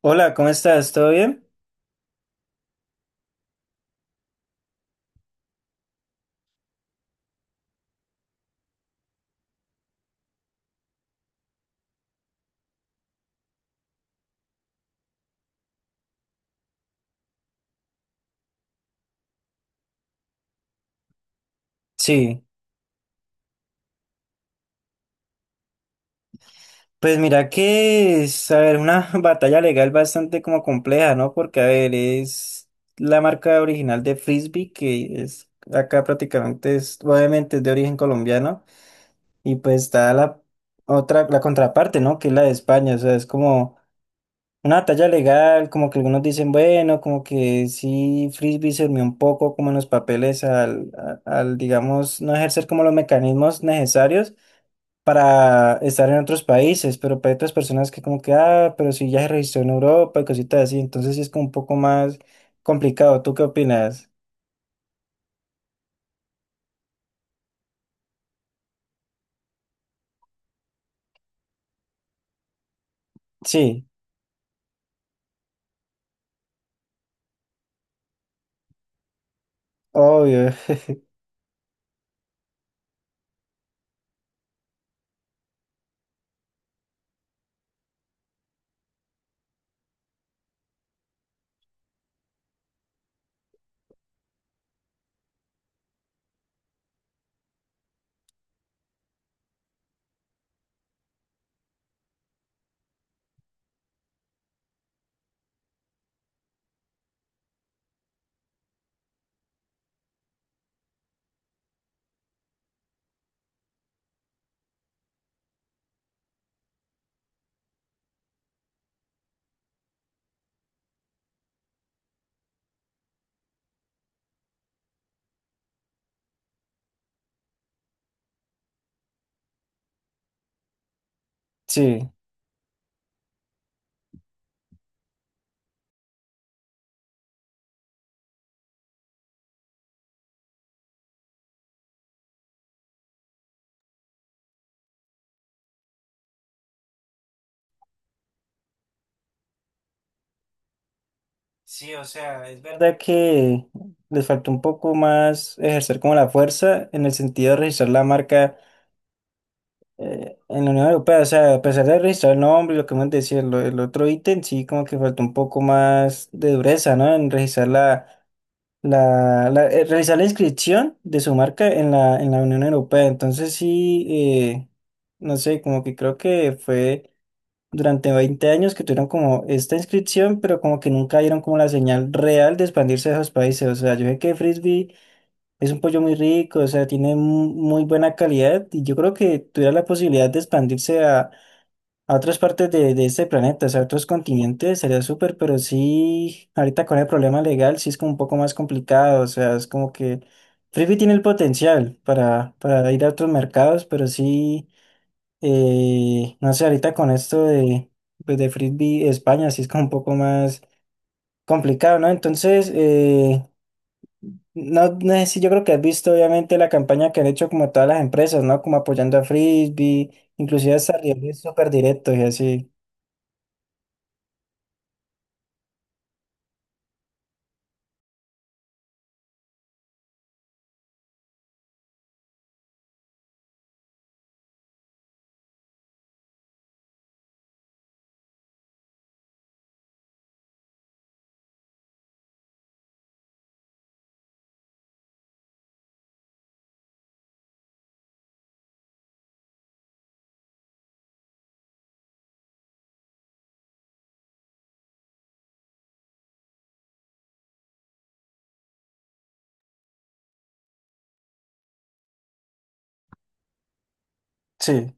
Hola, ¿cómo estás? ¿Todo bien? Sí, pues mira que es, a ver, una batalla legal bastante como compleja, ¿no? Porque, a ver, es la marca original de Frisbee, que es acá prácticamente, es, obviamente es de origen colombiano, y pues está la otra, la contraparte, ¿no? Que es la de España, o sea, es como una batalla legal, como que algunos dicen, bueno, como que sí, Frisbee se durmió un poco como en los papeles al, al digamos, no ejercer como los mecanismos necesarios para estar en otros países, pero para otras personas que como que, ah, pero si ya se registró en Europa y cositas así, entonces sí es como un poco más complicado. ¿Tú qué opinas? Sí, obvio. Sí. Sí, o sea, es verdad que les faltó un poco más ejercer como la fuerza en el sentido de registrar la marca en la Unión Europea. O sea, a pesar de registrar el nombre, y lo que hemos decía, el otro ítem, sí como que faltó un poco más de dureza, ¿no? En registrar la realizar la inscripción de su marca en la Unión Europea. Entonces sí, no sé, como que creo que fue durante 20 años que tuvieron como esta inscripción, pero como que nunca dieron como la señal real de expandirse a esos países. O sea, yo sé que Frisbee es un pollo muy rico, o sea, tiene muy buena calidad y yo creo que tuviera la posibilidad de expandirse a otras partes de este planeta, o sea, a otros continentes, sería súper, pero sí, ahorita con el problema legal sí es como un poco más complicado, o sea, es como que Frisbee tiene el potencial para ir a otros mercados, pero sí, no sé, ahorita con esto de, pues de Frisbee España sí es como un poco más complicado, ¿no? Entonces, no sé, si yo creo que has visto obviamente la campaña que han hecho como todas las empresas, ¿no? Como apoyando a Frisbee, inclusive hasta rivales súper directos y así. Sí.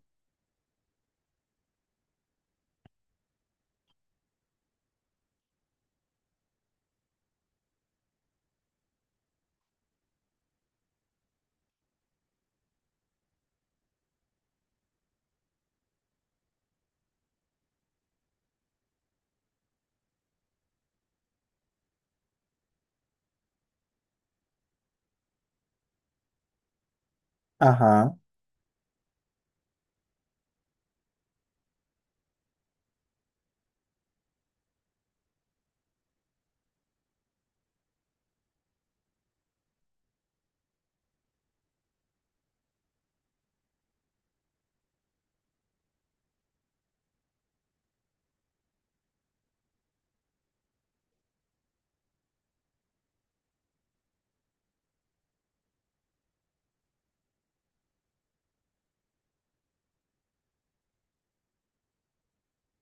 Ajá.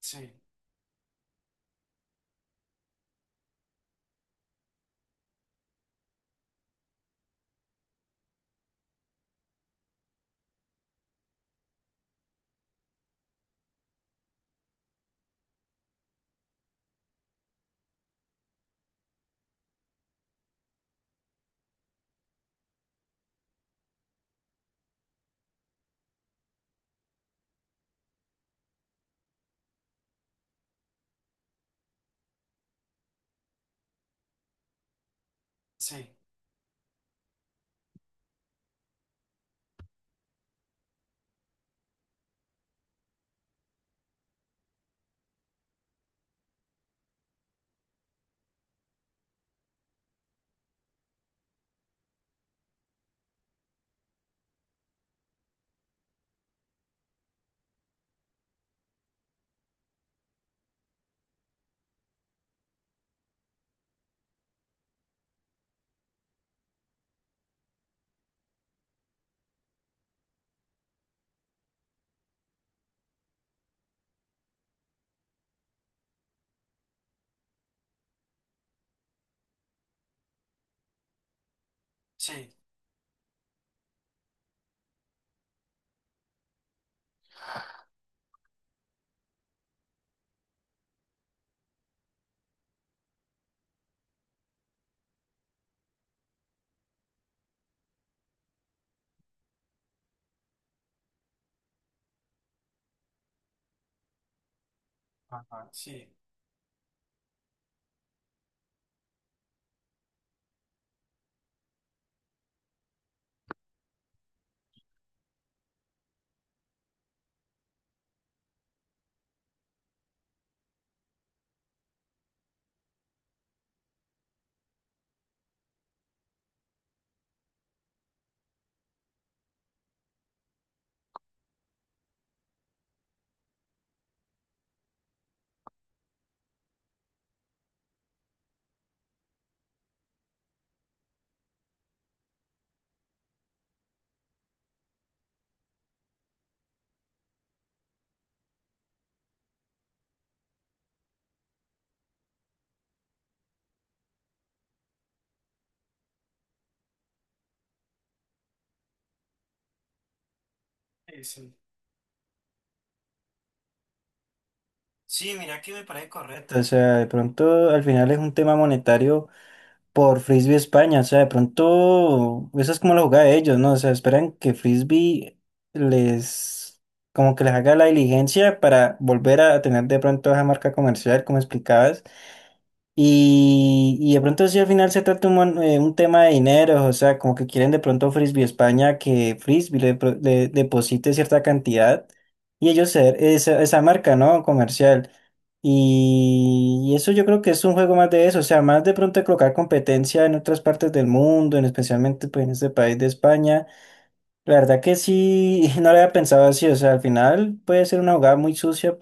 Sí, sí, sí, ajá, sí, sí, sí. Sí, mira que me parece correcto. O sea, de pronto al final es un tema monetario por Frisbee España. O sea, de pronto esa es como la jugada de ellos, ¿no? O sea, esperan que Frisbee les, como que les haga la diligencia para volver a tener de pronto esa marca comercial, como explicabas. Y de pronto si al final se trata un, un tema de dinero, o sea, como que quieren de pronto Frisbee España que Frisbee le, le deposite cierta cantidad y ellos ser esa, esa marca, ¿no? Comercial. Y eso yo creo que es un juego más de eso, o sea, más de pronto de colocar competencia en otras partes del mundo, en especialmente pues en este país de España. La verdad que sí, no lo había pensado así, o sea, al final puede ser una jugada muy sucia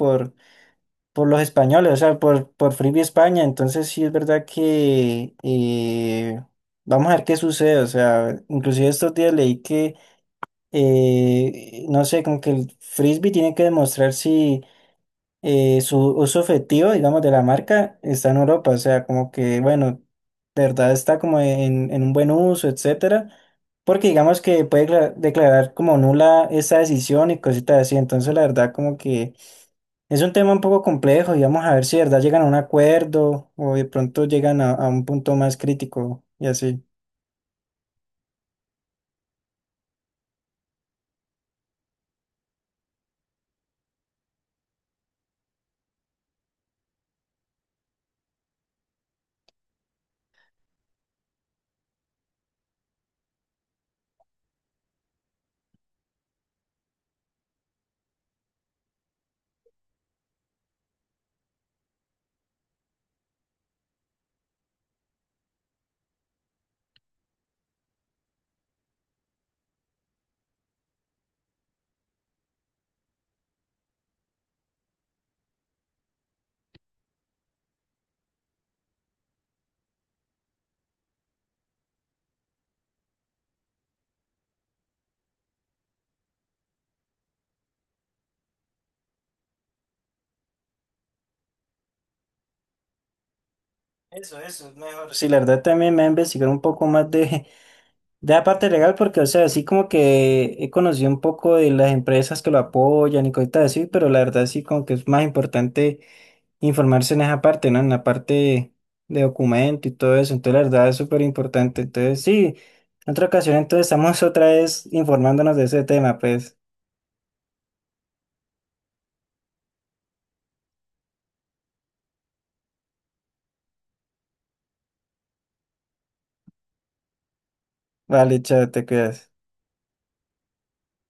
por los españoles, o sea, por Free España. Entonces sí es verdad que vamos a ver qué sucede. O sea, inclusive estos días leí que, no sé, como que el frisbee tiene que demostrar si su uso efectivo, digamos, de la marca está en Europa. O sea, como que, bueno, de verdad está como en un buen uso, etcétera. Porque digamos que puede declarar como nula esa decisión y cositas así. Entonces, la verdad, como que... Es un tema un poco complejo y vamos a ver si de verdad llegan a un acuerdo o de pronto llegan a un punto más crítico y así. Eso, es mejor. Sí, la verdad también me ha investigado un poco más de, de la parte legal porque, o sea, así como que he conocido un poco de las empresas que lo apoyan y cositas así, pero la verdad sí como que es más importante informarse en esa parte, ¿no? En la parte de documento y todo eso. Entonces, la verdad es súper importante. Entonces, sí, en otra ocasión entonces estamos otra vez informándonos de ese tema, pues. Vale, chao, te cuidas.